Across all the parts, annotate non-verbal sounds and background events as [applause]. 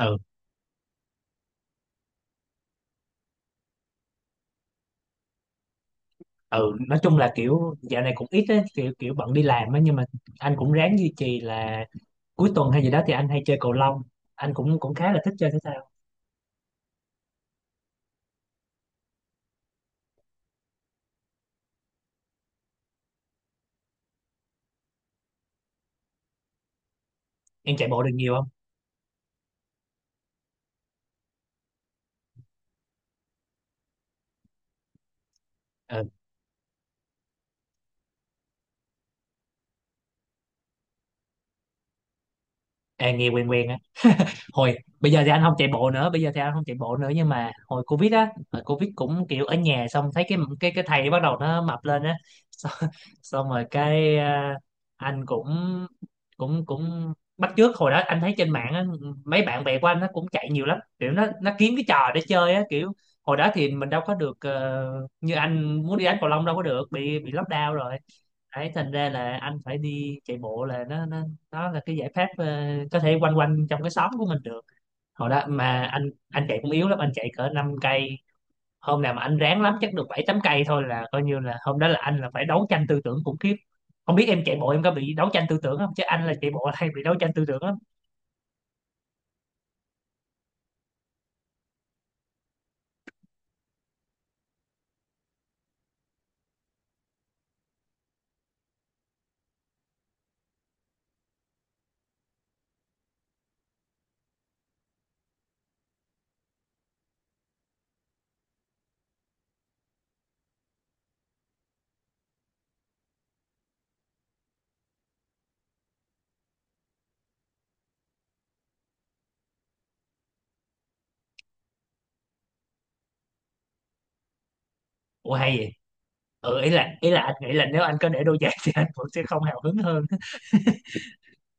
Ừ, ừ, nói chung là kiểu dạo này cũng ít á, kiểu kiểu bận đi làm á, nhưng mà anh cũng ráng duy trì là cuối tuần hay gì đó thì anh hay chơi cầu lông. Anh cũng cũng khá là thích chơi thể thao. Em chạy bộ được nhiều không? Ừ. À, nghe quen quen á. Bây giờ thì anh không chạy bộ nữa, bây giờ thì anh không chạy bộ nữa nhưng mà hồi covid cũng kiểu ở nhà, xong thấy cái thầy bắt đầu nó mập lên á [laughs] xong, Xong rồi cái à, anh cũng cũng cũng bắt chước. Hồi đó anh thấy trên mạng á, mấy bạn bè của anh nó cũng chạy nhiều lắm, kiểu nó kiếm cái trò để chơi á. Kiểu hồi đó thì mình đâu có được, như anh muốn đi đánh cầu lông đâu có được, bị lockdown rồi. Đấy, thành ra là anh phải đi chạy bộ, là nó là cái giải pháp, có thể quanh quanh trong cái xóm của mình được. Hồi đó mà anh chạy cũng yếu lắm, anh chạy cỡ 5 cây. Hôm nào mà anh ráng lắm chắc được 7 8 cây thôi, là coi như là hôm đó là anh là phải đấu tranh tư tưởng khủng khiếp. Không biết em chạy bộ em có bị đấu tranh tư tưởng không, chứ anh là chạy bộ là hay bị đấu tranh tư tưởng lắm. Ủa, hay vậy. Ừ, ý là anh nghĩ là nếu anh có để đôi giày [laughs] thì anh cũng sẽ không hào hứng hơn.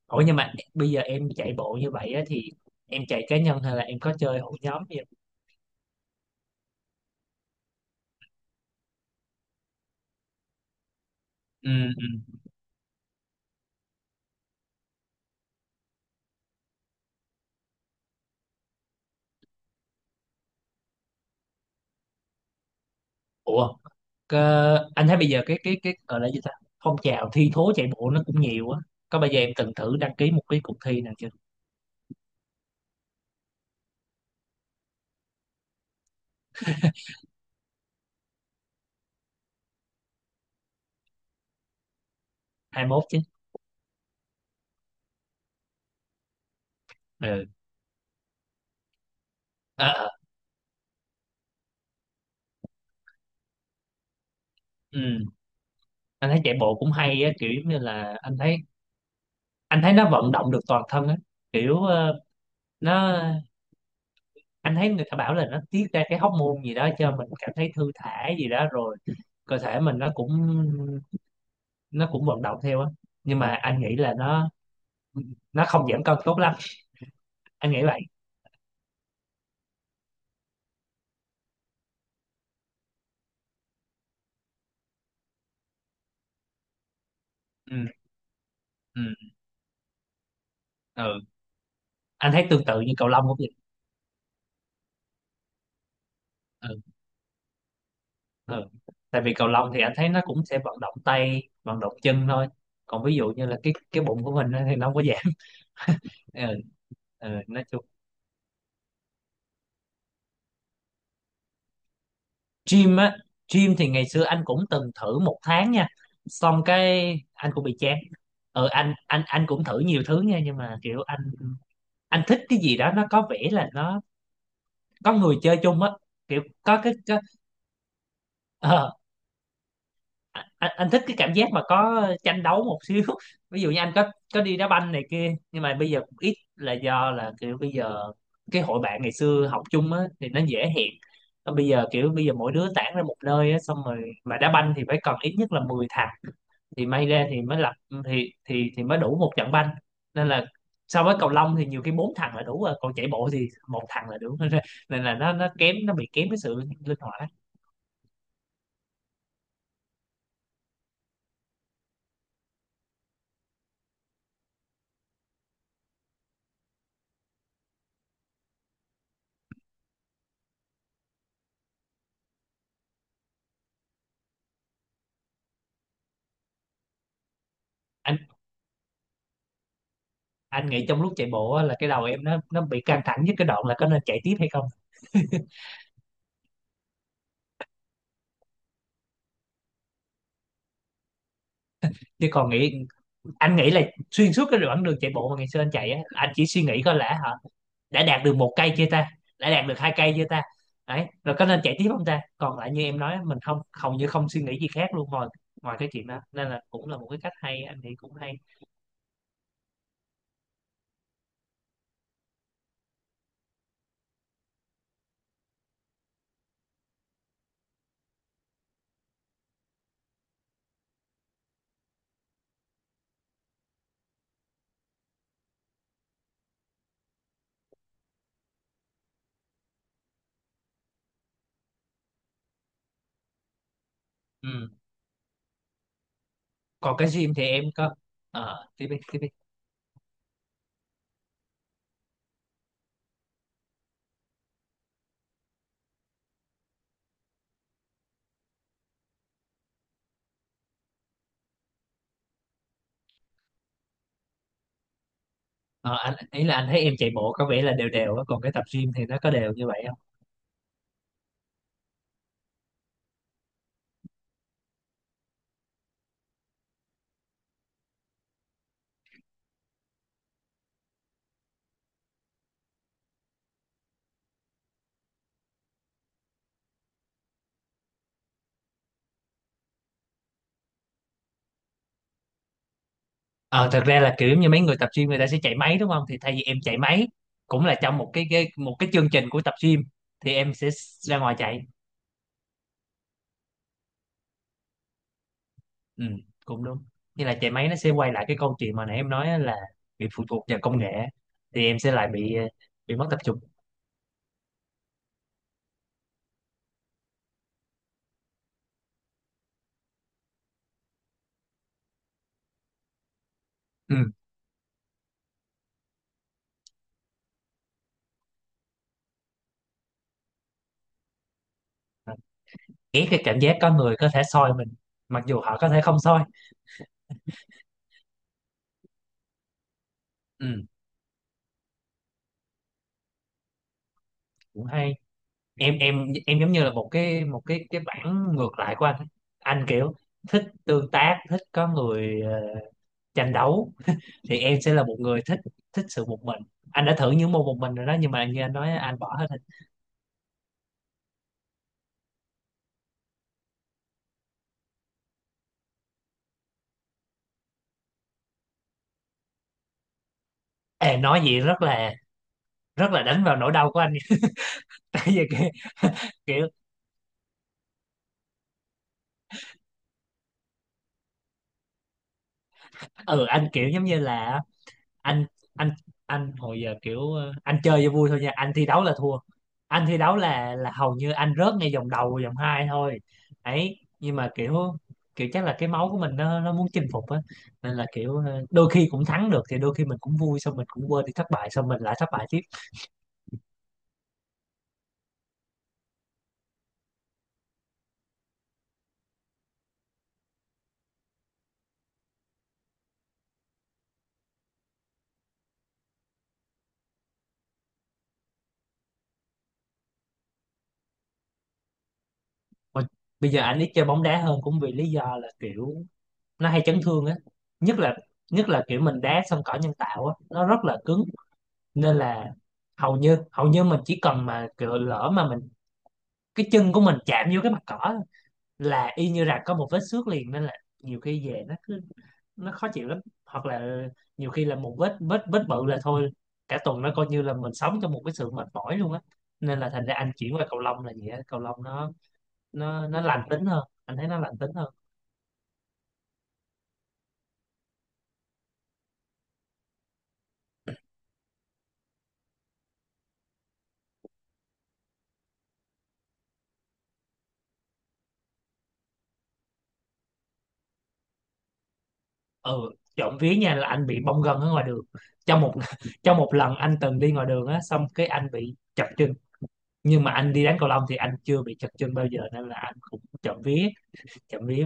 Ủa, nhưng mà bây giờ em chạy bộ như vậy á, thì em chạy cá nhân hay là em có chơi hội nhóm gì không? Ừ, ừ. Ủa. Anh thấy bây giờ cái gọi là gì ta, phong trào thi thố chạy bộ nó cũng nhiều á. Có bao giờ em từng thử đăng ký một cái cuộc thi nào chưa? 21 chứ. Ừ. Ờ, ờ. Ừ, anh thấy chạy bộ cũng hay á, kiểu giống như là anh thấy nó vận động được toàn thân á. Kiểu ờ, nó anh thấy người ta bảo là nó tiết ra cái hormone gì đó cho mình cảm thấy thư thả gì đó, rồi cơ thể mình nó cũng vận động theo á. Nhưng mà anh nghĩ là nó không giảm cân tốt lắm, anh nghĩ vậy. Ừ. Ừ. Ừ, anh thấy tương tự như cầu lông cũng. Ừ, ừ. Tại vì cầu lông thì anh thấy nó cũng sẽ vận động tay vận động chân thôi, còn ví dụ như là cái bụng của mình á thì nó không có giảm. [laughs] Ừ, ừ, nói chung. Gym á. Gym thì ngày xưa anh cũng từng thử 1 tháng nha, xong cái anh cũng bị chán. Ừ, anh cũng thử nhiều thứ nha, nhưng mà kiểu anh thích cái gì đó nó có vẻ là nó có người chơi chung á, kiểu có cái có. Ờ, anh thích cái cảm giác mà có tranh đấu một xíu [laughs] ví dụ như anh có đi đá banh này kia, nhưng mà bây giờ cũng ít là do là kiểu bây giờ cái hội bạn ngày xưa học chung á thì nó dễ hẹn. Còn bây giờ kiểu bây giờ mỗi đứa tản ra một nơi á, xong rồi mà đá banh thì phải cần ít nhất là 10 thằng thì may ra thì mới lập, thì mới đủ một trận banh. Nên là so với cầu lông thì nhiều khi bốn thằng là đủ rồi, còn chạy bộ thì một thằng là đủ [laughs] nên là nó bị kém cái sự linh hoạt á. Anh nghĩ trong lúc chạy bộ á, là cái đầu em nó bị căng thẳng nhất cái đoạn là có nên chạy tiếp hay không. Chứ còn nghĩ, anh nghĩ là xuyên suốt cái đoạn đường chạy bộ mà ngày xưa anh chạy á, anh chỉ suy nghĩ coi là hả, đã đạt được 1 cây chưa ta, đã đạt được 2 cây chưa ta, đấy rồi có nên chạy tiếp không ta. Còn lại như em nói, mình không hầu như không suy nghĩ gì khác luôn ngoài ngoài cái chuyện đó, nên là cũng là một cái cách hay, anh nghĩ cũng hay. Ừ. Còn cái gym thì em có. Ờ, tiếp đi tiếp đi. Ờ, anh ý là anh thấy em chạy bộ có vẻ là đều đều á, còn cái tập gym thì nó có đều như vậy. Ờ, thật ra là kiểu giống như mấy người tập gym người ta sẽ chạy máy đúng không? Thì thay vì em chạy máy cũng là trong một cái chương trình của tập gym, thì em sẽ ra ngoài chạy. Ừ, cũng đúng. Như là chạy máy nó sẽ quay lại cái câu chuyện mà nãy em nói á, là bị phụ thuộc vào công nghệ thì em sẽ lại bị, bị mất tập trung. Ừ. Ghét cái cảm giác có người có thể soi mình, mặc dù họ có thể không soi. Ừ, cũng hay. Em giống như là một cái một cái bản ngược lại của anh. Anh kiểu thích tương tác, thích có người, tranh đấu, thì em sẽ là một người thích thích sự một mình. Anh đã thử những môn một mình rồi đó, nhưng mà như anh nói anh bỏ hết. Ê, nói vậy rất là đánh vào nỗi đau của anh [laughs] tại vì kiểu, kiểu ừ, anh kiểu giống như là anh anh anh hồi giờ kiểu, anh chơi cho vui thôi nha, anh thi đấu là thua, anh thi đấu là hầu như anh rớt ngay vòng đầu vòng hai thôi. Ấy, nhưng mà kiểu kiểu chắc là cái máu của mình nó muốn chinh phục á, nên là kiểu, đôi khi cũng thắng được thì đôi khi mình cũng vui, xong mình cũng quên đi thất bại, xong mình lại thất bại tiếp. Mà bây giờ anh ít chơi bóng đá hơn cũng vì lý do là kiểu nó hay chấn thương á, nhất là nhất là kiểu mình đá sân cỏ nhân tạo á, nó rất là cứng. Nên là hầu như mình chỉ cần mà kiểu lỡ mà cái chân của mình chạm vô cái mặt cỏ là y như rằng có một vết xước liền, nên là nhiều khi về nó khó chịu lắm. Hoặc là nhiều khi là một vết vết vết bự là thôi, cả tuần nó coi như là mình sống trong một cái sự mệt mỏi luôn á. Nên là thành ra anh chuyển qua cầu lông, là gì á, cầu lông nó lành tính hơn, anh thấy nó lành tính hơn. Ừ. Trộm vía nha, là anh bị bong gân ở ngoài đường, trong một [laughs] trong một lần anh từng đi ngoài đường á xong cái anh bị chật chân. Nhưng mà anh đi đánh cầu lông thì anh chưa bị chật chân bao giờ, nên là anh cũng trộm vía, trộm vía.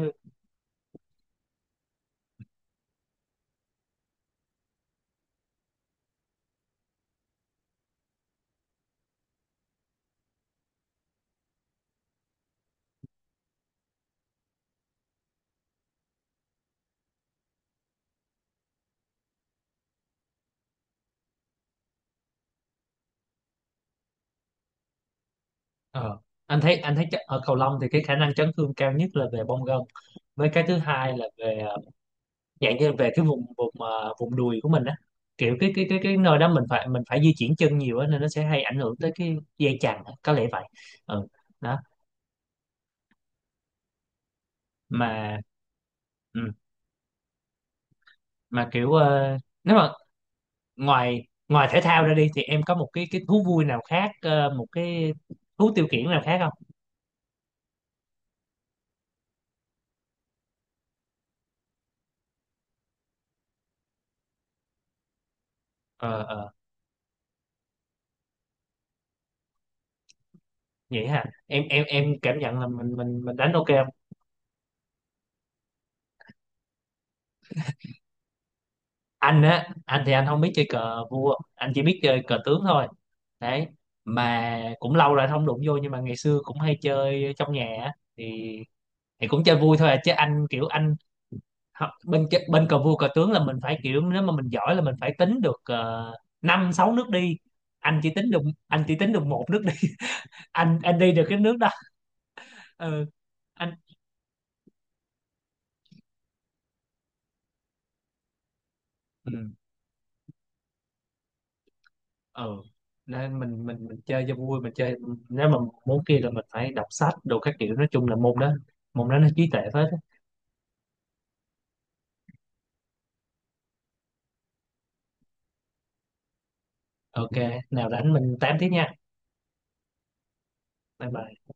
Ờ, anh thấy ở cầu lông thì cái khả năng chấn thương cao nhất là về bong gân, với cái thứ hai là về, dạng như về cái vùng vùng vùng đùi của mình á, kiểu cái nơi đó mình phải di chuyển chân nhiều á, nên nó sẽ hay ảnh hưởng tới cái dây chằng á, có lẽ vậy. Ừ. Đó. Mà ừ, mà kiểu, nếu mà ngoài ngoài thể thao ra đi, thì em có một cái thú vui nào khác, một cái thú tiêu khiển nào khác không? Ờ, ờ, vậy hả, em cảm nhận là mình đánh ok không? Anh á, anh thì anh không biết chơi cờ vua, anh chỉ biết chơi cờ tướng thôi. Đấy. Mà cũng lâu rồi anh không đụng vô, nhưng mà ngày xưa cũng hay chơi trong nhà á. Thì cũng chơi vui thôi à, chứ anh kiểu bên cờ vua cờ tướng là mình phải kiểu nếu mà mình giỏi là mình phải tính được, năm sáu nước đi. anh chỉ tính được anh chỉ tính được một nước, anh đi được cái nước đó. Ừ. Anh. Ừ. Ừ, nên mình chơi cho vui, mình chơi. Nếu mà muốn kia là mình phải đọc sách đồ các kiểu, nói chung là môn đó nó trí tuệ phết á. Ok, nào rảnh mình tám tiếp nha. Bye bye